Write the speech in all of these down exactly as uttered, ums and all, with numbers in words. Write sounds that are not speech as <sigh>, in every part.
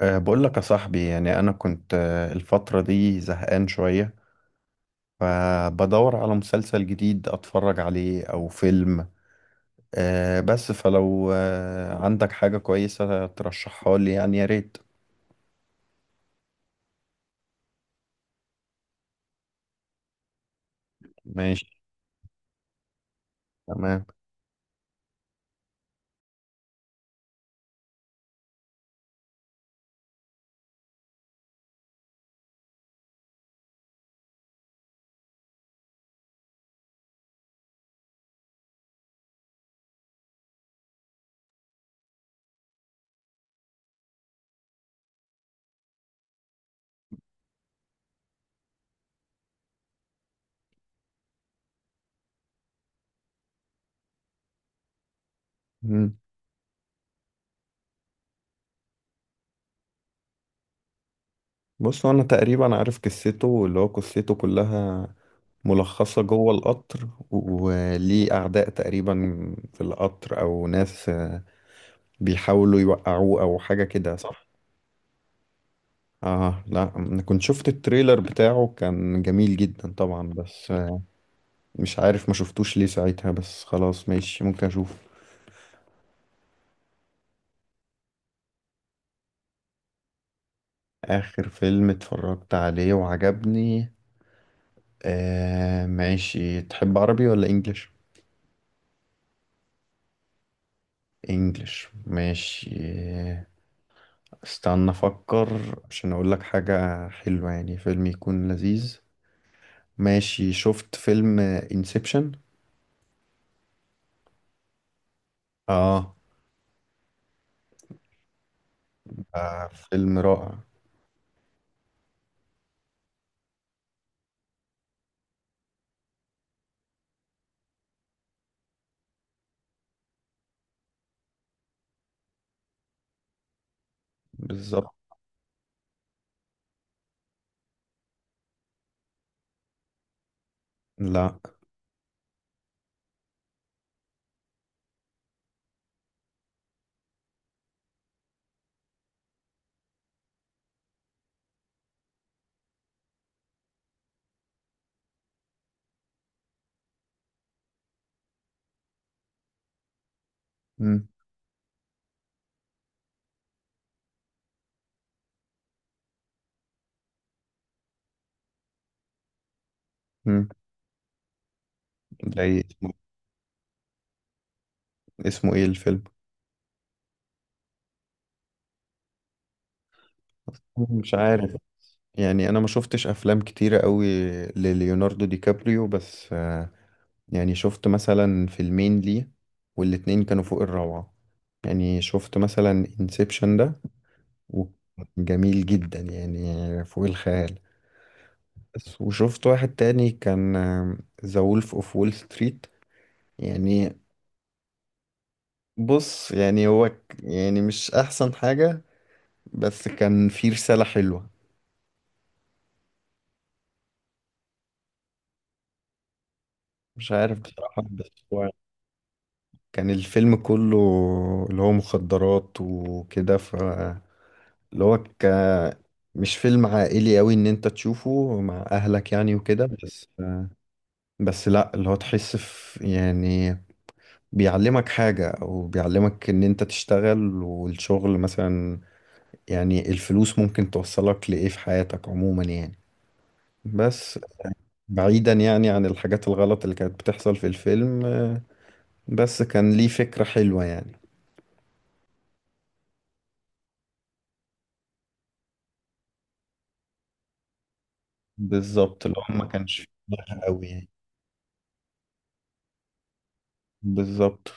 أه بقول لك يا صاحبي، يعني أنا كنت أه، الفترة دي زهقان شوية، فبدور على مسلسل جديد أتفرج عليه أو فيلم. أه بس فلو أه عندك حاجة كويسة ترشحها لي، يعني يا ريت. ماشي. تمام. مم. بص أنا تقريبا عارف قصته، اللي هو قصته كلها ملخصة جوه القطر، وليه أعداء تقريبا في القطر أو ناس، أه، بيحاولوا يوقعوه أو حاجة كده، صح؟ اه لا، انا كنت شفت التريلر بتاعه، كان جميل جدا طبعا، بس آه، مش عارف ما شفتوش ليه ساعتها، بس خلاص ماشي، ممكن اشوف. اخر فيلم اتفرجت عليه وعجبني؟ آه ماشي، تحب عربي ولا انجليش؟ انجليش ماشي. استنى افكر عشان اقول لك حاجة حلوة، يعني فيلم يكون لذيذ. ماشي، شفت فيلم انسبشن؟ اه. آه، فيلم رائع. بالظبط. لا. مم. مم. زي اسمه. اسمه ايه الفيلم؟ مش عارف. يعني انا ما شفتش افلام كتيرة قوي لليوناردو دي كابريو، بس آه، يعني شفت مثلا فيلمين ليه، والاتنين كانوا فوق الروعة. يعني شفت مثلا انسبشن ده، وجميل جدا يعني، فوق الخيال. بس وشفت واحد تاني، كان آه، ذا وولف اوف وول ستريت، يعني. بص يعني هو ك- يعني مش احسن حاجة، بس كان فيه رسالة حلوة. مش عارف بصراحة، بس هو كان الفيلم كله اللي هو مخدرات وكده، ف اللي هو ك... مش فيلم عائلي قوي ان انت تشوفه مع اهلك يعني، وكده. بس بس لا، اللي هو تحس في يعني، بيعلمك حاجة او بيعلمك ان انت تشتغل، والشغل مثلا، يعني الفلوس ممكن توصلك لايه في حياتك عموما يعني. بس بعيدا يعني عن الحاجات الغلط اللي كانت بتحصل في الفيلم، بس كان ليه فكرة حلوة يعني. بالظبط، اللي هو ما مم. كانش فيه دماغ قوي يعني. بالظبط.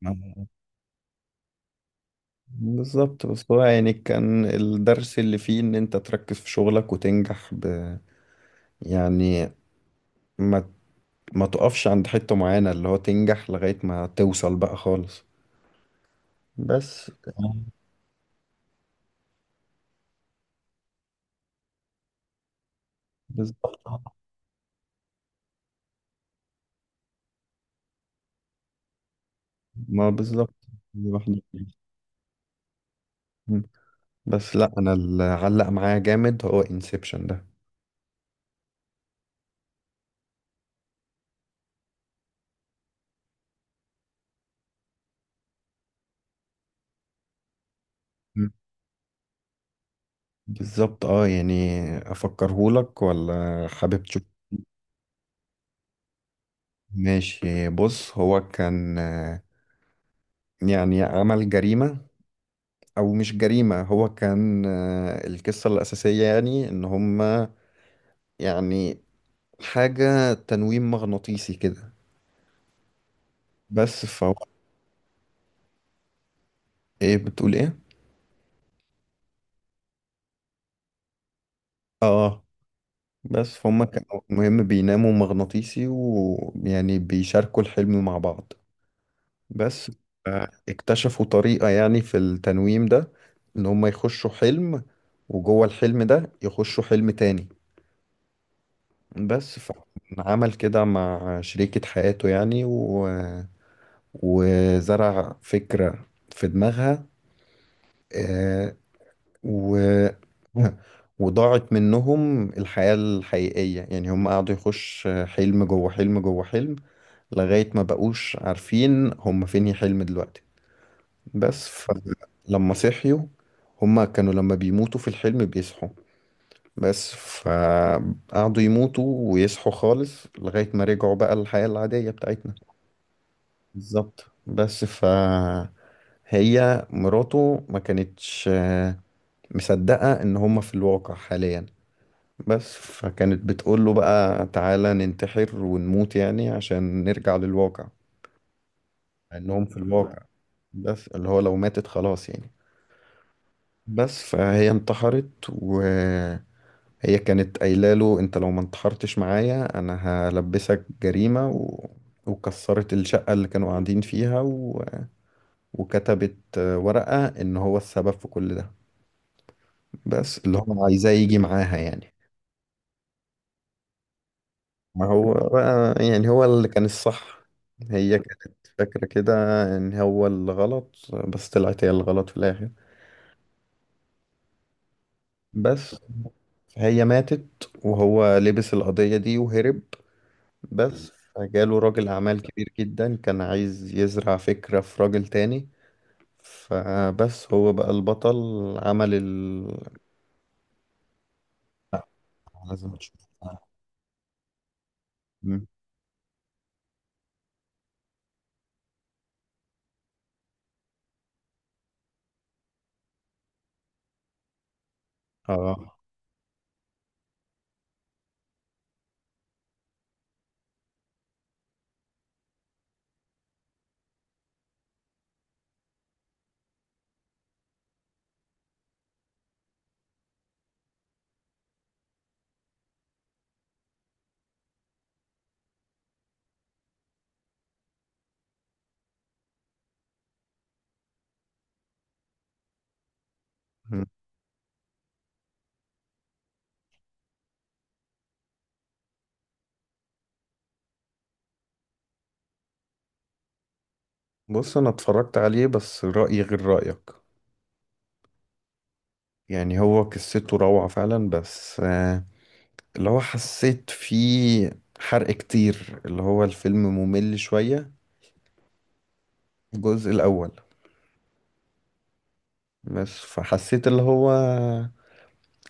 ما- بالظبط، بس هو يعني كان الدرس اللي فيه ان انت تركز في شغلك وتنجح، ب يعني ما ما تقفش عند حتة معينة، اللي هو تنجح لغاية ما توصل بقى خالص. بس آه، بالظبط آه. ما بالظبط، دي واحدة. مم. بس لا، انا اللي علق معايا جامد هو انسبشن ده. مم. بالظبط اه، يعني افكرهولك ولا حابب؟ ماشي، بص هو كان، آه، يعني عمل جريمة، أو مش جريمة، هو كان، آه، القصة الأساسية يعني إن هما، يعني حاجة تنويم مغناطيسي كده. بس فهو. إيه، بتقول إيه؟ آه. بس فهم كانوا مهم بيناموا مغناطيسي، ويعني بيشاركوا الحلم مع بعض. بس آه، اكتشفوا طريقة يعني في التنويم ده، إن هما يخشوا حلم، وجوه الحلم ده يخشوا حلم تاني. بس فعمل كده مع شريكة حياته يعني، و وزرع فكرة في دماغها. آه، و <laughs> وضاعت منهم الحياة الحقيقية، يعني هم قعدوا يخش حلم جوه حلم جوه حلم، لغاية ما بقوش عارفين هم فين الحلم دلوقتي. بس فلما صحيوا، هم كانوا لما بيموتوا في الحلم بيصحوا، بس فقعدوا يموتوا ويصحوا خالص لغاية ما رجعوا بقى للحياة العادية بتاعتنا. بالظبط، بس فهي مراته ما كانتش آه، مصدقة ان هما في الواقع حاليا. بس فكانت بتقول له بقى، تعالى ننتحر ونموت، يعني عشان نرجع للواقع، انهم في الواقع، بس اللي هو لو ماتت خلاص يعني. بس فهي انتحرت، و هي كانت قايله له، انت لو ما انتحرتش معايا، انا هلبسك جريمه. و وكسرت الشقه اللي كانوا قاعدين فيها، و وكتبت آه، ورقه ان هو السبب في كل ده، بس اللي هو عايزاه يجي معاها يعني. ما هو بقى يعني، هو اللي كان الصح، هي كانت فاكره كده ان هو اللي غلط، بس طلعت هي الغلط في الاخر. بس هي ماتت، وهو لبس القضيه دي وهرب. بس فجاله راجل أعمال كبير جدا كان عايز يزرع فكرة في راجل تاني، فبس هو بقى البطل، عمل ال لازم تشوف. مم. اه. مم. بص أنا اتفرجت عليه، بس رأيي غير رأيك. يعني هو قصته روعة فعلا، بس آه، اللي هو حسيت فيه حرق كتير، اللي هو الفيلم ممل شوية. الجزء الأول. بس فحسيت اللي هو،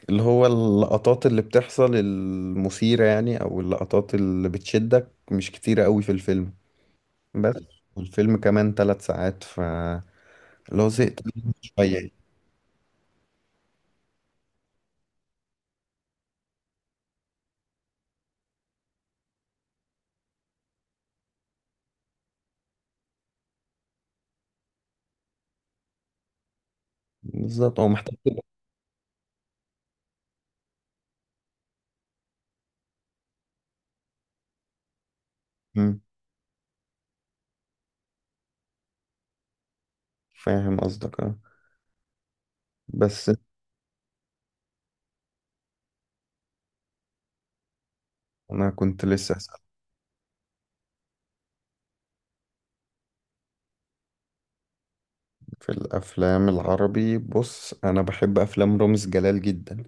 اللي هو اللقطات اللي بتحصل المثيرة، يعني أو اللقطات اللي بتشدك، مش كتيرة قوي في الفيلم. بس والفيلم كمان ثلاث ساعات، ف اللي هو زهقت منه شوية يعني. بالظبط، هو محتاج. مم. فاهم قصدك، اه. بس أنا كنت لسه أسأل. في الأفلام العربي، بص أنا بحب أفلام رامز جلال جدا.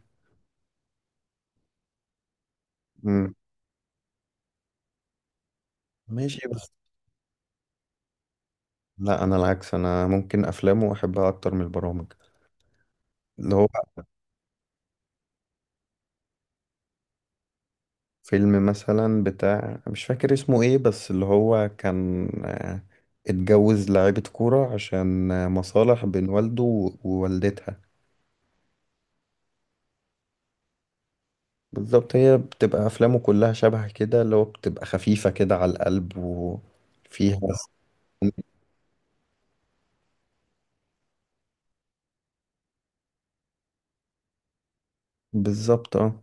مم. ماشي، بس لا أنا العكس، أنا ممكن أفلامه أحبها أكتر من البرامج، اللي هو فيلم مثلا بتاع، مش فاكر اسمه ايه، بس اللي هو كان، آه، اتجوز لاعيبة كورة عشان آه، مصالح بين والده و- ووالدتها. بالظبط، هي بتبقى أفلامه كلها شبه كده، اللي هو بتبقى خفيفة كده على القلب، وفيها <laughs> بالظبط اه.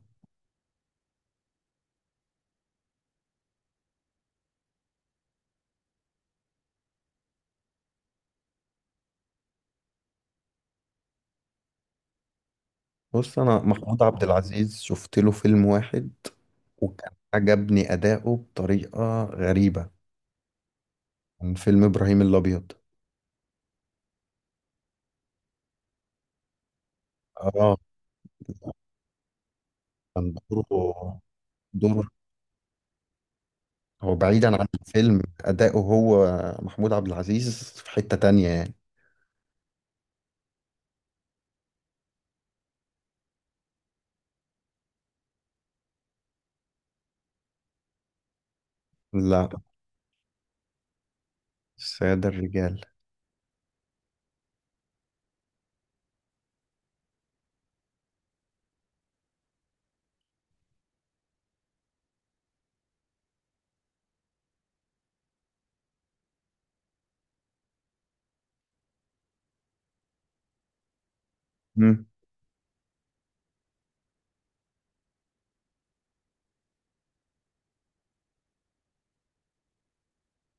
بص أنا محمود عبد العزيز شفت له فيلم واحد، وكان عجبني أداؤه بطريقة غريبة. كان فيلم إبراهيم الأبيض. اه. كان دوره، دوره، هو بعيدا عن الفيلم، أداؤه هو محمود عبد العزيز في حتة تانية يعني. لا. السادة الرجال. مم.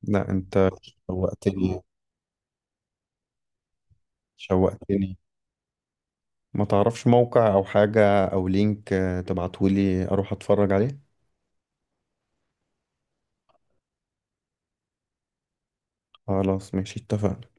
لا أنت، شوقتني شوقتني. ما تعرفش موقع أو حاجة أو لينك، آه، تبعتهولي أروح أتفرج عليه؟ خلاص ماشي، اتفقنا.